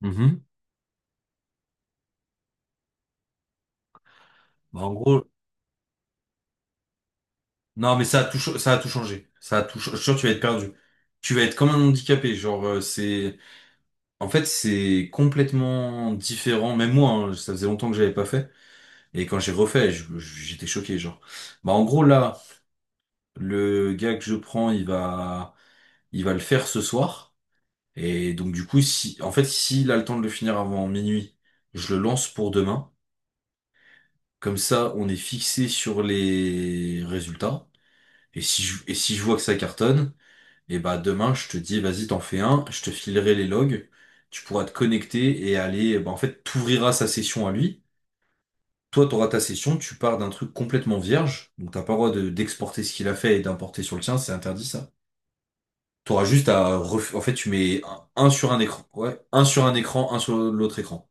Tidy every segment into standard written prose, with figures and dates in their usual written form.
Mhm. Bah, en gros, non, mais ça a tout, ça a tout changé. Ça a tout, cha- je suis sûr que tu vas être perdu. Tu vas être comme un handicapé. Genre, en fait, c'est complètement différent. Même moi, hein, ça faisait longtemps que j'avais pas fait. Et quand j'ai refait, j'étais choqué. Genre, bah, en gros, là, le gars que je prends, il va le faire ce soir. Et donc, du coup, si, en fait, s'il a le temps de le finir avant minuit, je le lance pour demain. Comme ça, on est fixé sur les résultats. Et si je vois que ça cartonne, et bah demain, je te dis, vas-y, t'en fais un, je te filerai les logs, tu pourras te connecter et aller, bah, en fait, t'ouvriras sa session à lui. Toi, t'auras ta session, tu pars d'un truc complètement vierge, donc t'as pas le droit d'exporter ce qu'il a fait et d'importer sur le tien, c'est interdit ça. T'auras juste à en fait, tu mets un sur un écran, ouais, un sur un écran, un sur l'autre écran.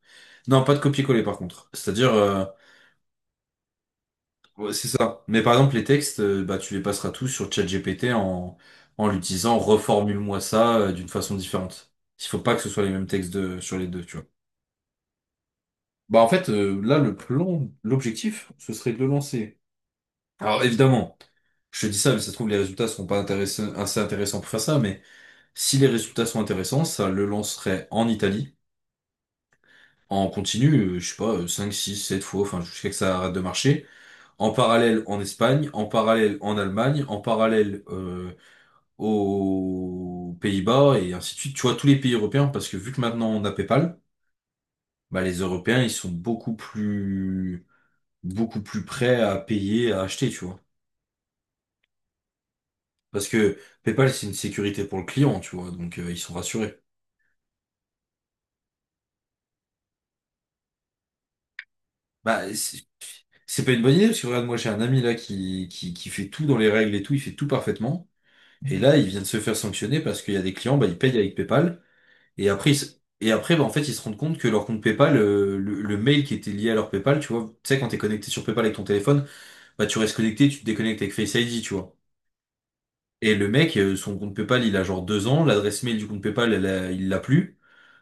Non, pas de copier-coller par contre. C'est-à-dire... Ouais, c'est ça. Mais par exemple, les textes, bah, tu les passeras tous sur ChatGPT en l'utilisant, reformule-moi ça d'une façon différente. Il faut pas que ce soit les mêmes textes sur les deux, tu vois. Bah, en fait, là, le plan, l'objectif, ce serait de le lancer. Alors, évidemment, je te dis ça, mais ça se trouve, les résultats seront pas intéressants, assez intéressants pour faire ça, mais si les résultats sont intéressants, ça le lancerait en Italie, en continu, je sais pas, 5, 6, 7 fois, enfin, jusqu'à que ça arrête de marcher. En parallèle en Espagne, en parallèle en Allemagne, en parallèle aux Pays-Bas et ainsi de suite. Tu vois, tous les pays européens, parce que vu que maintenant on a PayPal, bah, les Européens, ils sont beaucoup plus prêts à payer, à acheter, tu vois. Parce que PayPal, c'est une sécurité pour le client, tu vois, donc ils sont rassurés. Bah, c'est pas une bonne idée, parce que regarde, moi j'ai un ami là qui fait tout dans les règles et tout, il fait tout parfaitement. Et là, il vient de se faire sanctionner parce qu'il y a des clients, bah, ils payent avec PayPal. Et après, et après, bah, en fait, ils se rendent compte que leur compte PayPal, le mail qui était lié à leur PayPal, tu vois, tu sais, quand t'es connecté sur PayPal avec ton téléphone, bah, tu restes connecté, tu te déconnectes avec Face ID, tu vois. Et le mec, son compte PayPal, il a genre 2 ans, l'adresse mail du compte PayPal, il l'a plus.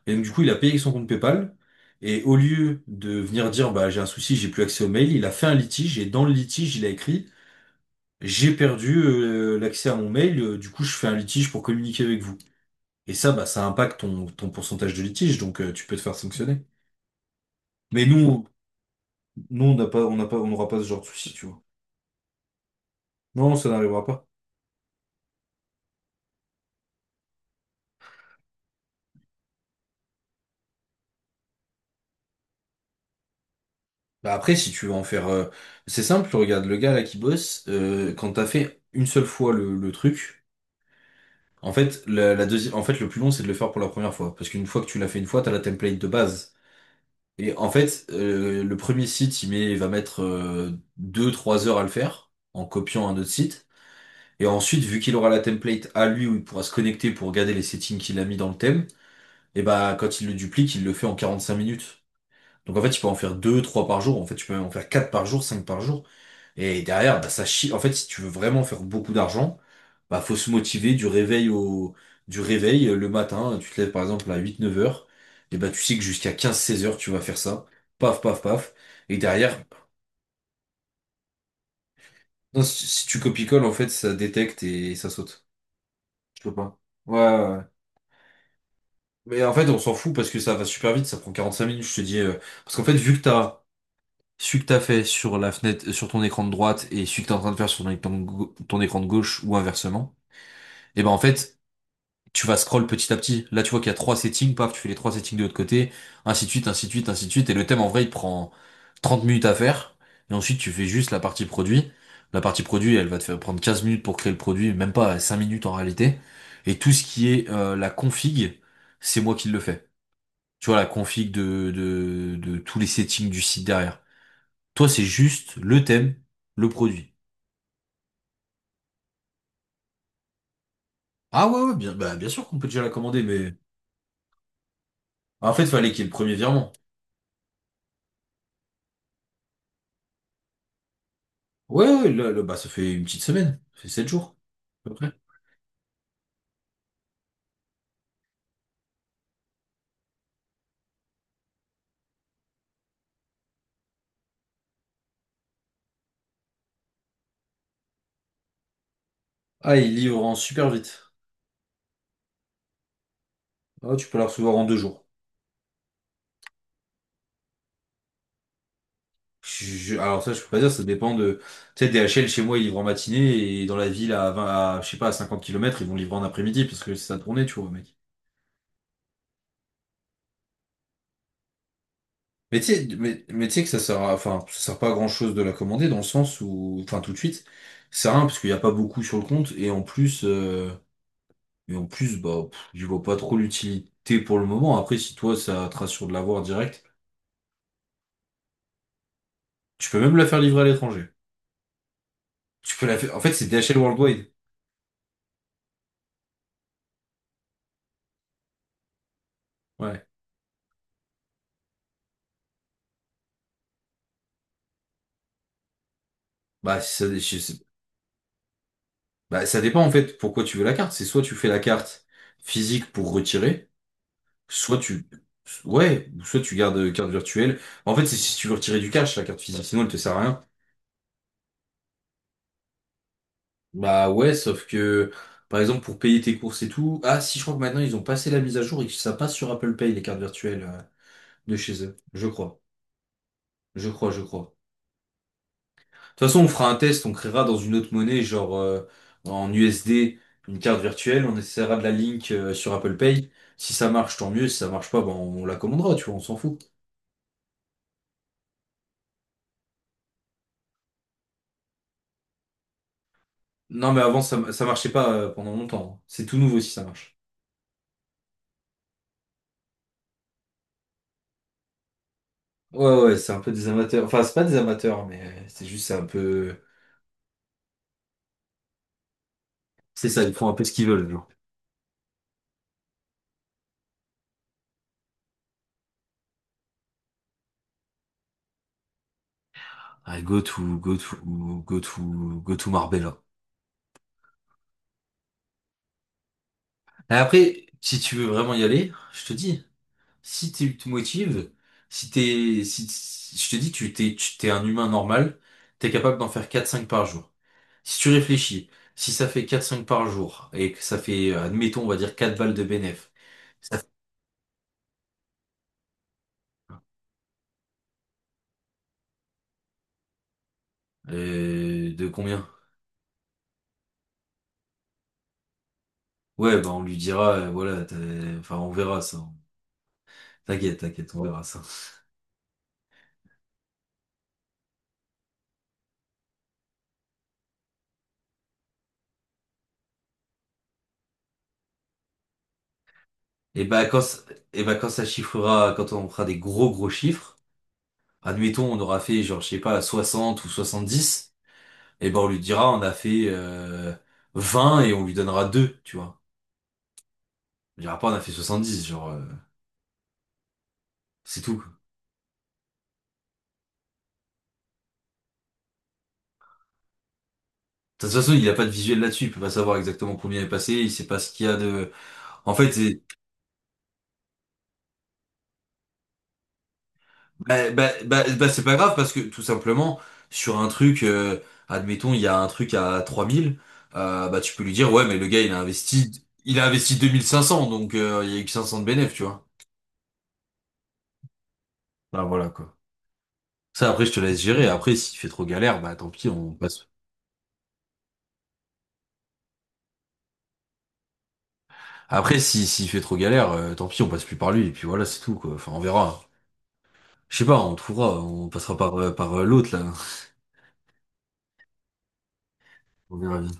Et donc, du coup, il a payé avec son compte PayPal. Et au lieu de venir dire, bah, j'ai un souci, j'ai plus accès au mail, il a fait un litige, et dans le litige, il a écrit, j'ai perdu, l'accès à mon mail, du coup, je fais un litige pour communiquer avec vous. Et ça, bah, ça impacte ton pourcentage de litige, donc, tu peux te faire sanctionner. Mais nous, nous, on n'aura pas ce genre de souci, tu vois. Non, ça n'arrivera pas. Bah après, si tu veux en faire, c'est simple, regarde le gars là qui bosse, quand t'as fait une seule fois le truc, en fait, la deuxième, en fait, le plus long, c'est de le faire pour la première fois. Parce qu'une fois que tu l'as fait une fois, t'as la template de base. Et en fait, le premier site, il va mettre 2, 3 heures à le faire, en copiant un autre site. Et ensuite, vu qu'il aura la template à lui où il pourra se connecter pour regarder les settings qu'il a mis dans le thème, et bah quand il le duplique, il le fait en 45 minutes. Donc en fait, tu peux en faire deux, trois par jour. En fait, tu peux même en faire quatre par jour, cinq par jour. Et derrière, bah, ça chie. En fait, si tu veux vraiment faire beaucoup d'argent, bah faut se motiver du réveil le matin. Tu te lèves par exemple à 8, 9 heures. Et bah tu sais que jusqu'à 15, 16 heures, tu vas faire ça. Paf, paf, paf. Et derrière, non, si tu copie colles en fait, ça détecte et ça saute. Je peux pas. Ouais, ouais. Ouais. Mais en fait, on s'en fout parce que ça va super vite, ça prend 45 minutes, je te dis. Parce qu'en fait, vu que t'as celui que t'as fait sur la fenêtre, sur ton écran de droite et celui que t'es en train de faire sur ton écran ton écran de gauche ou inversement, et ben en fait, tu vas scroll petit à petit. Là, tu vois qu'il y a trois settings, paf, tu fais les trois settings de l'autre côté, ainsi de suite, ainsi de suite, ainsi de suite. Et le thème, en vrai, il prend 30 minutes à faire. Et ensuite, tu fais juste la partie produit. La partie produit, elle va te faire prendre 15 minutes pour créer le produit, même pas 5 minutes en réalité. Et tout ce qui est la config, c'est moi qui le fais. Tu vois, la config de tous les settings du site derrière. Toi, c'est juste le thème, le produit. Ah ouais, ouais, bien, bah, bien sûr qu'on peut déjà la commander, mais en fait, fallait qu'il y ait le premier virement. Ouais, ouais, là, là, bah, ça fait une petite semaine, ça fait 7 jours, à peu près. Ah, il livre en super vite. Ah, tu peux la recevoir en 2 jours. Alors ça, je peux pas dire, ça dépend de... Tu sais, DHL, chez moi, ils livrent en matinée, et dans la ville, à 20, à, je sais pas, à 50 kilomètres ils vont livrer en après-midi, parce que c'est sa tournée, tu vois, mais... Mais tu sais, mais tu sais que ça sert à, enfin, ça sert pas à grand chose de la commander dans le sens où, enfin, tout de suite, c'est rien parce qu'il n'y a pas beaucoup sur le compte et en plus, bah, pff, j'y vois pas trop l'utilité pour le moment. Après, si toi, ça te rassure de l'avoir direct, tu peux même la faire livrer à l'étranger. Tu peux la faire, en fait, c'est DHL Worldwide. Ouais. Bah, si ça, je sais- bah, ça dépend en fait pourquoi tu veux la carte. C'est soit tu fais la carte physique pour retirer, soit tu, ouais, ou soit tu gardes carte virtuelle. En fait, c'est si tu veux retirer du cash, la carte physique, sinon elle te sert à rien. Bah ouais, sauf que, par exemple, pour payer tes courses et tout, ah si je crois que maintenant ils ont passé la mise à jour et que ça passe sur Apple Pay, les cartes virtuelles de chez eux. Je crois. Je crois, je crois. De toute façon, on fera un test, on créera dans une autre monnaie, genre en USD, une carte virtuelle, on essaiera de la link sur Apple Pay. Si ça marche, tant mieux. Si ça marche pas, ben on la commandera, tu vois, on s'en fout. Non mais avant ça, ça marchait pas pendant longtemps. Hein. C'est tout nouveau si ça marche. Ouais ouais, c'est un peu des amateurs. Enfin, c'est pas des amateurs, mais c'est juste c'est un peu. C'est ça, ils font un peu ce qu'ils veulent. Ah, go to Marbella. Et après, si tu veux vraiment y aller, je te dis, si tu te motives, si t'es, si, si- je te dis, t'es un humain normal, t'es capable d'en faire quatre cinq par jour. Si tu réfléchis, si ça fait quatre cinq par jour, et que ça fait, admettons, on va dire 4 balles de bénéf, ça fait, de combien? Ouais, bah, on lui dira, voilà, enfin, on verra ça. T'inquiète, t'inquiète, on verra ça. Et bah, quand, et bah, quand ça chiffrera, quand on fera des gros gros chiffres, admettons, on aura fait, genre, je sais pas, 60 ou 70, et ben on lui dira, on a fait 20 et on lui donnera 2, tu vois. On dira pas, on a fait 70, genre, c'est tout, quoi. De toute façon, il a pas de visuel là-dessus, il peut pas savoir exactement combien est passé, il sait pas ce qu'il y a de... En fait, c'est... Bah, bah, bah, bah, c'est pas grave, parce que, tout simplement, sur un truc, admettons, il y a un truc à 3 000, bah tu peux lui dire, ouais, mais le gars, il a investi... Il a investi 2 500 donc il y a eu que 500 de bénéf, tu vois. Bah voilà, quoi. Ça, après, je te laisse gérer. Après, s'il fait trop galère, bah tant pis, on passe. Après, si s'il fait trop galère, tant pis, on passe plus par lui. Et puis voilà, c'est tout, quoi. Enfin, on verra. Je sais pas, on trouvera. On passera par l'autre, là. On verra bien.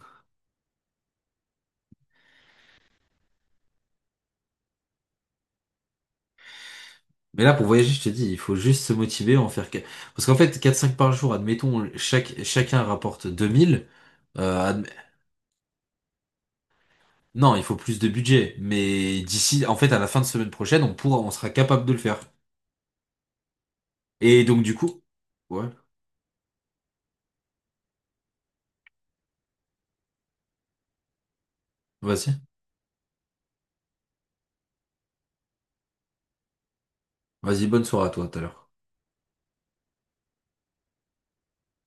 Mais là, pour voyager, je te dis, il faut juste se motiver, en faire... Parce qu'en fait, quatre cinq par jour, admettons, chaque, chacun rapporte 2 000. Euh, adm- Non, il faut plus de budget. Mais d'ici, en fait, à la fin de semaine prochaine, on pourra, on sera capable de le faire. Et donc, du coup... Ouais, vas-y. Vas-y, bonne soirée à toi, tout à l'heure.